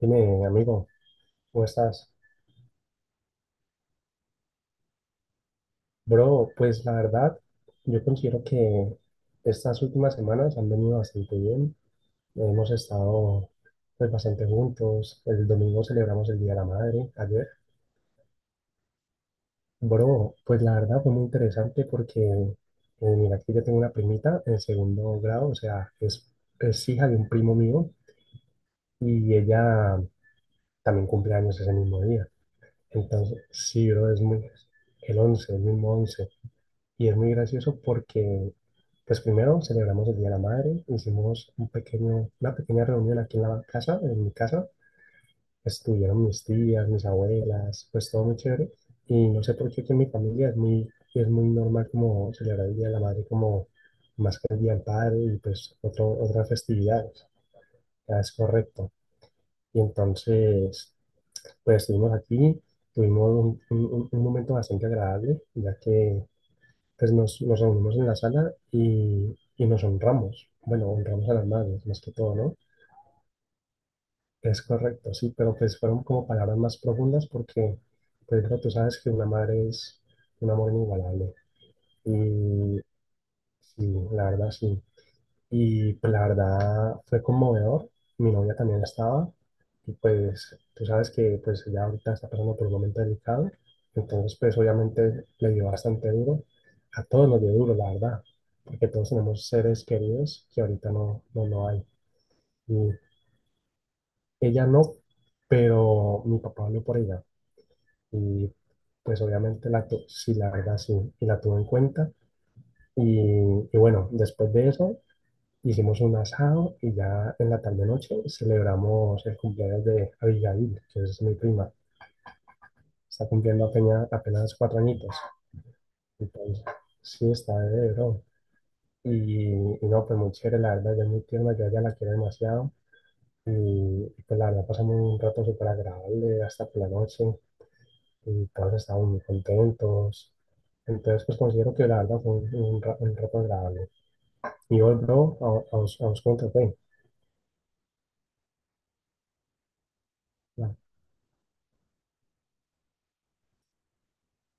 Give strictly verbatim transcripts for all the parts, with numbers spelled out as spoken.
Dime, amigo, ¿cómo estás? Bro, pues la verdad, yo considero que estas últimas semanas han venido bastante bien. Hemos estado pues bastante juntos. El domingo celebramos el Día de la Madre, ayer. Bro, pues la verdad fue muy interesante porque eh, mira, aquí yo tengo una primita en segundo grado, o sea, es, es hija de un primo mío y ella también cumple años ese mismo día. Entonces, sí, bro, es muy, el once el mismo once. Y es muy gracioso porque, pues primero celebramos el Día de la Madre, hicimos un pequeño, una pequeña reunión aquí en la casa, en mi casa. Estuvieron mis tías, mis abuelas, pues todo muy chévere. Y no sé por qué que en mi familia es muy, es muy normal como celebrar el Día de la Madre como más que el Día del Padre y pues otro, otras festividades. Ya es correcto. Y entonces, pues estuvimos aquí, tuvimos un, un- un- un momento bastante agradable, ya que entonces nos, nos reunimos en la sala y, y nos honramos. Bueno, honramos a las madres, más que todo, ¿no? Es correcto, sí, pero pues fueron como palabras más profundas porque, pues claro, tú sabes que una madre es un amor inigualable. Y sí, la verdad, sí. Y pues la verdad fue conmovedor. Mi novia también estaba. Y pues tú sabes que pues ella ahorita está pasando por un momento delicado. Entonces pues obviamente le dio bastante duro. A todos nos dio duro, la verdad. Porque todos tenemos seres queridos que ahorita no, no, no hay. Y ella no, pero mi papá habló por ella. Y pues obviamente la tu- sí, la verdad sí. Y la tuvo en cuenta. Y, y bueno, después de eso hicimos un asado y ya en la tarde-noche celebramos el cumpleaños de Abigail, que es mi prima. Está cumpliendo apenas, apenas cuatro añitos. Entonces, sí, está de bro. Y, y no, pues muy chévere, la verdad, ella es muy tierna, yo a ella la quiero demasiado. Y, y pues la verdad, pasamos un rato súper agradable hasta por la noche y todos estábamos muy contentos. Entonces, pues considero que la verdad fue un, un, ra- un rato agradable. Y vos, bro, a, a, vos- a vos cómo te fue.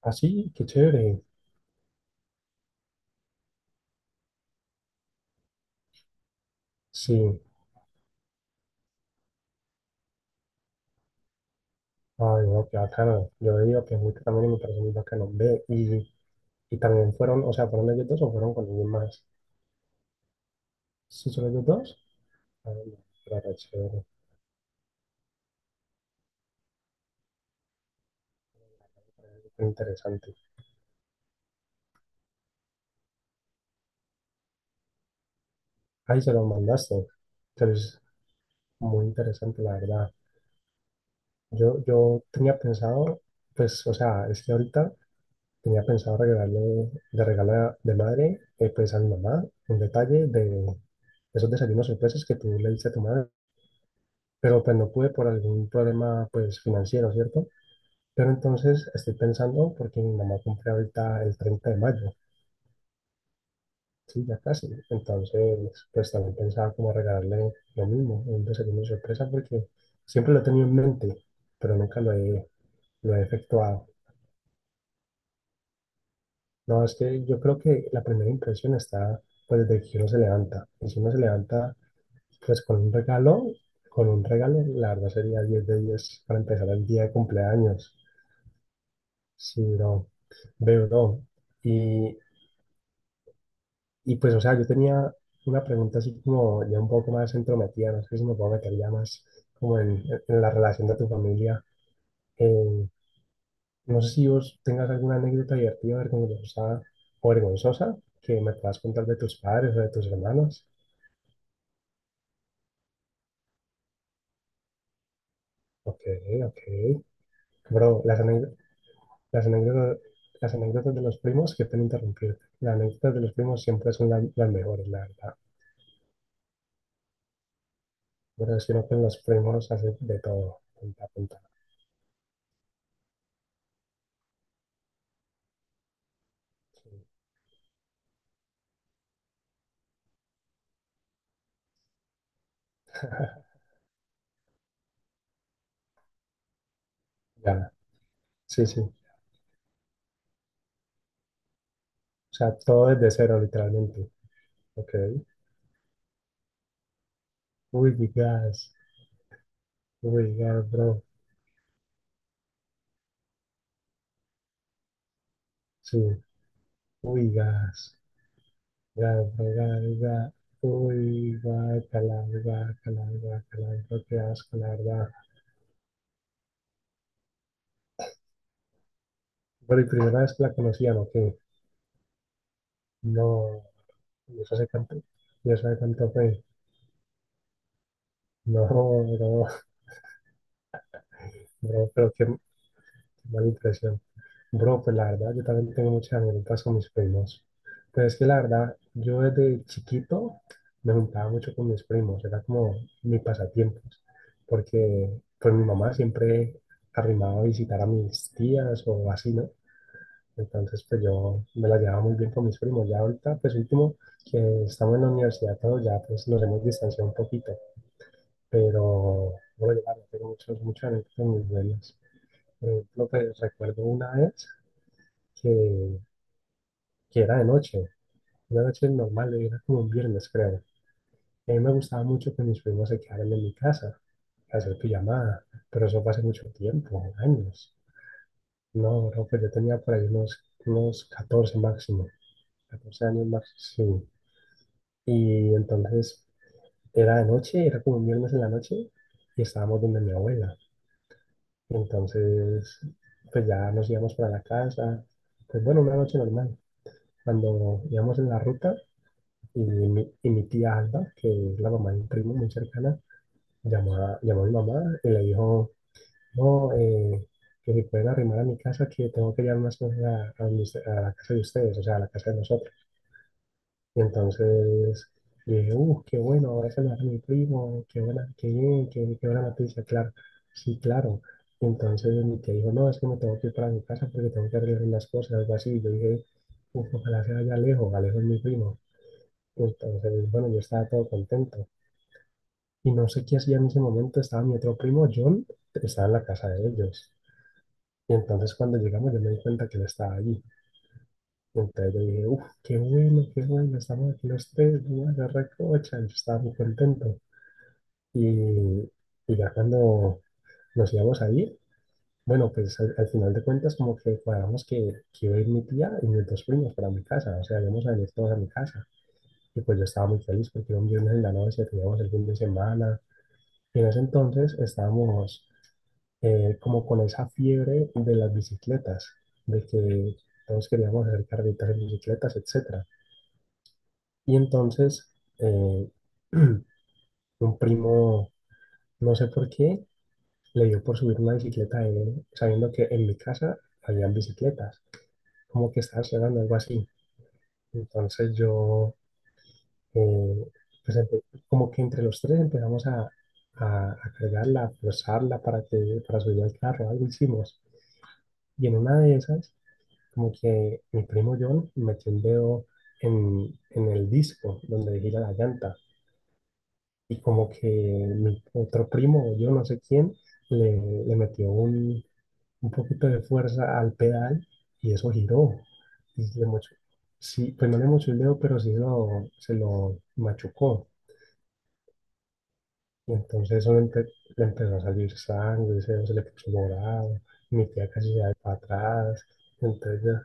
Así, qué chévere. Sí, ay, no, qué bacano. Yo digo que es muy también me parece muy bacano. Ve, y, y también fueron, o sea, ¿fueron ellos dos o fueron con alguien más? ¿Sí son ellos dos? Ay, no, pero re chévere, qué interesante. Ahí se los mandaste. Entonces, muy interesante, la verdad. Yo, yo tenía pensado, pues, o sea, es que ahorita tenía pensado regalarle, de regalo de madre, eh, pues a mi mamá, un detalle de esos desayunos sorpresas que tú le diste a tu madre. Pero pues no pude por algún problema, pues, financiero, ¿cierto? Pero entonces estoy pensando, porque mi mamá cumple ahorita el treinta de mayo. Sí, ya casi. Entonces, pues también pensaba como regalarle lo mismo, un desayuno sorpresa, porque siempre lo he tenido en mente, pero nunca lo he, lo he efectuado. No, es que yo creo que la primera impresión está pues desde que uno se levanta. Y si uno se levanta pues con un regalo, con un regalo, la verdad sería diez de diez para empezar el día de cumpleaños. Sí, no, veo, no. Y Y pues, o sea, yo tenía una pregunta así como ya un poco más entrometida, no sé si me puedo meter ya más como en, en la relación de tu familia. Eh, no sé si vos tengas alguna anécdota divertida, vergonzosa o vergonzosa que me puedas contar de tus padres o de tus hermanos. Ok, ok. Bro, las anécdotas, las anécdotas, las anécdotas de los primos, que pena interrumpirte. Las anécdotas de los primos siempre son la- las mejores, la verdad. Pero es que uno con los primos hace de todo. Punta, punta, punta. Ya, sí, sí. O sea, todo desde cero, literalmente. Ok. Uy, gas. Uy, gas, bro. Sí. Uy, gas. Gas, bro, gas, gas. Uy, guácala, guácala, guácala. Creo que asco, la verdad. Bueno, y primera vez que la conocían, ¿o qué? No. ¿Y eso hace cuánto? ¿Y eso hace cuánto fue? No, no, bro, pero qué, qué mala impresión. Bro, pues la verdad, yo también tengo muchas anécdotas con mis primos. Pero es que la verdad, yo desde chiquito me juntaba mucho con mis primos, era como mi pasatiempos, porque pues mi mamá siempre arrimaba a visitar a mis tías o así, ¿no? Entonces, pues yo me la llevaba muy bien con mis primos. Ya ahorita, pues último, que estamos en la universidad todos, ya pues nos hemos distanciado un poquito, pero bueno, ya tengo muchos, muchas anécdotas muy buenas. Por ejemplo, pues recuerdo una vez que que era de noche, una noche normal, era como un viernes, creo. Y a mí me gustaba mucho que mis primos se quedaran en mi casa a hacer pijamada, pero eso fue hace mucho tiempo, años. No, creo que yo tenía por ahí unos, unos catorce máximo, catorce años máximo, sí. Y entonces era de noche, era como un viernes en la noche, y estábamos donde mi abuela. Entonces, pues ya nos íbamos para la casa, pues bueno, una noche normal. Cuando íbamos en la ruta, Y mi, y mi tía Alba, que es la mamá de un primo muy cercana, llamó a, llamó a mi mamá y le dijo, no, eh, que si pueden arrimar a mi casa, que tengo que llevar unas cosas a, a mis- a la casa de ustedes, o sea, a la casa de nosotros. Y entonces yo dije, uh, qué bueno, ese lo hace mi primo, qué buena, qué bien, qué, qué buena noticia, claro. Sí, claro. Y entonces mi tía dijo, no, es que me tengo que ir para mi casa porque tengo que arreglar unas cosas, algo así. Y yo dije, uf, ojalá sea ya Alejo, Alejo es mi primo. Entonces, bueno, yo estaba todo contento. Y no sé qué hacía en ese momento, estaba mi otro primo, John, estaba en la casa de ellos. Y entonces cuando llegamos yo me di cuenta que él estaba allí. Y entonces yo dije, uff, qué bueno, qué bueno, estamos aquí los tres, vamos la recocha. Yo estaba muy contento. Y, y ya cuando nos íbamos a ir, bueno, pues al, al final de cuentas como que cuadramos que, que iba a ir mi tía y mis dos primos para mi casa. O sea, íbamos a venir todos a mi casa. Y pues yo estaba muy feliz porque era un viernes en la noche, teníamos el fin de semana. Y en ese entonces estábamos eh, como con esa fiebre de las bicicletas, de que todos queríamos hacer carreritas en bicicletas, etcétera. Y entonces eh, un primo, no sé por qué, le dio por subir una bicicleta de él, sabiendo que en mi casa habían bicicletas, como que estaba llegando algo así. Entonces yo, eh, pues empe- como que entre los tres empezamos a, a, a cargarla, a forzarla para que, para subir al carro, algo hicimos. Y en una de esas, como que mi primo John metió el dedo en, en el disco donde gira la llanta. Y como que mi otro primo, o yo no sé quién, le, le metió un, un poquito de fuerza al pedal y eso giró. Y le mochó- sí, pues no le mochó el dedo, pero sí lo, se lo machucó. Y entonces eso le, empe- le empezó a salir sangre, ese se le puso morado. Mi tía casi se da para atrás. Entonces ya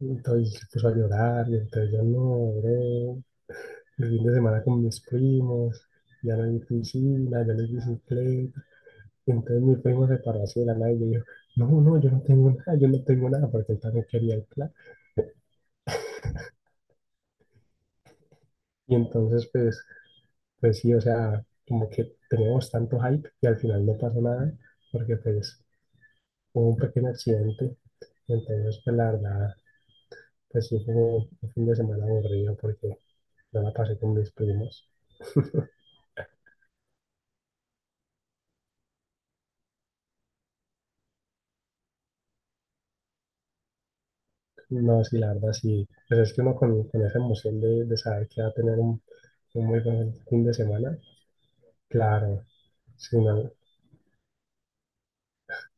Y entonces se puso a llorar, y entonces yo no, bro. El fin de semana con mis primos, ya no hay piscina, ya no hay bicicleta. Y entonces mi primo se paró así de la nada y yo dijo, no, no, yo no tengo nada, yo no tengo nada, porque él también quería el plan. Y entonces, pues, pues sí, o sea, como que teníamos tanto hype y al final no pasó nada, porque pues hubo un pequeño accidente. Y entonces, pues la verdad, pues sí fue un fin de semana aburrido porque no la pasé con mis primos. No, sí, la verdad, sí. Pues es que uno con, con esa emoción de, de saber que va a tener un, un muy buen fin de semana, claro, sí, no,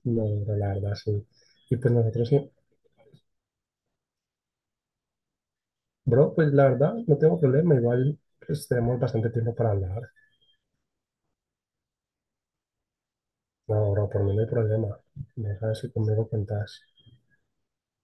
no, no, la verdad, sí. Y pues nosotros sí, bro, pues la verdad, no tengo problema, igual pues tenemos bastante tiempo para hablar. No, bro, por mí no hay problema. Me sabes si conmigo cuentas.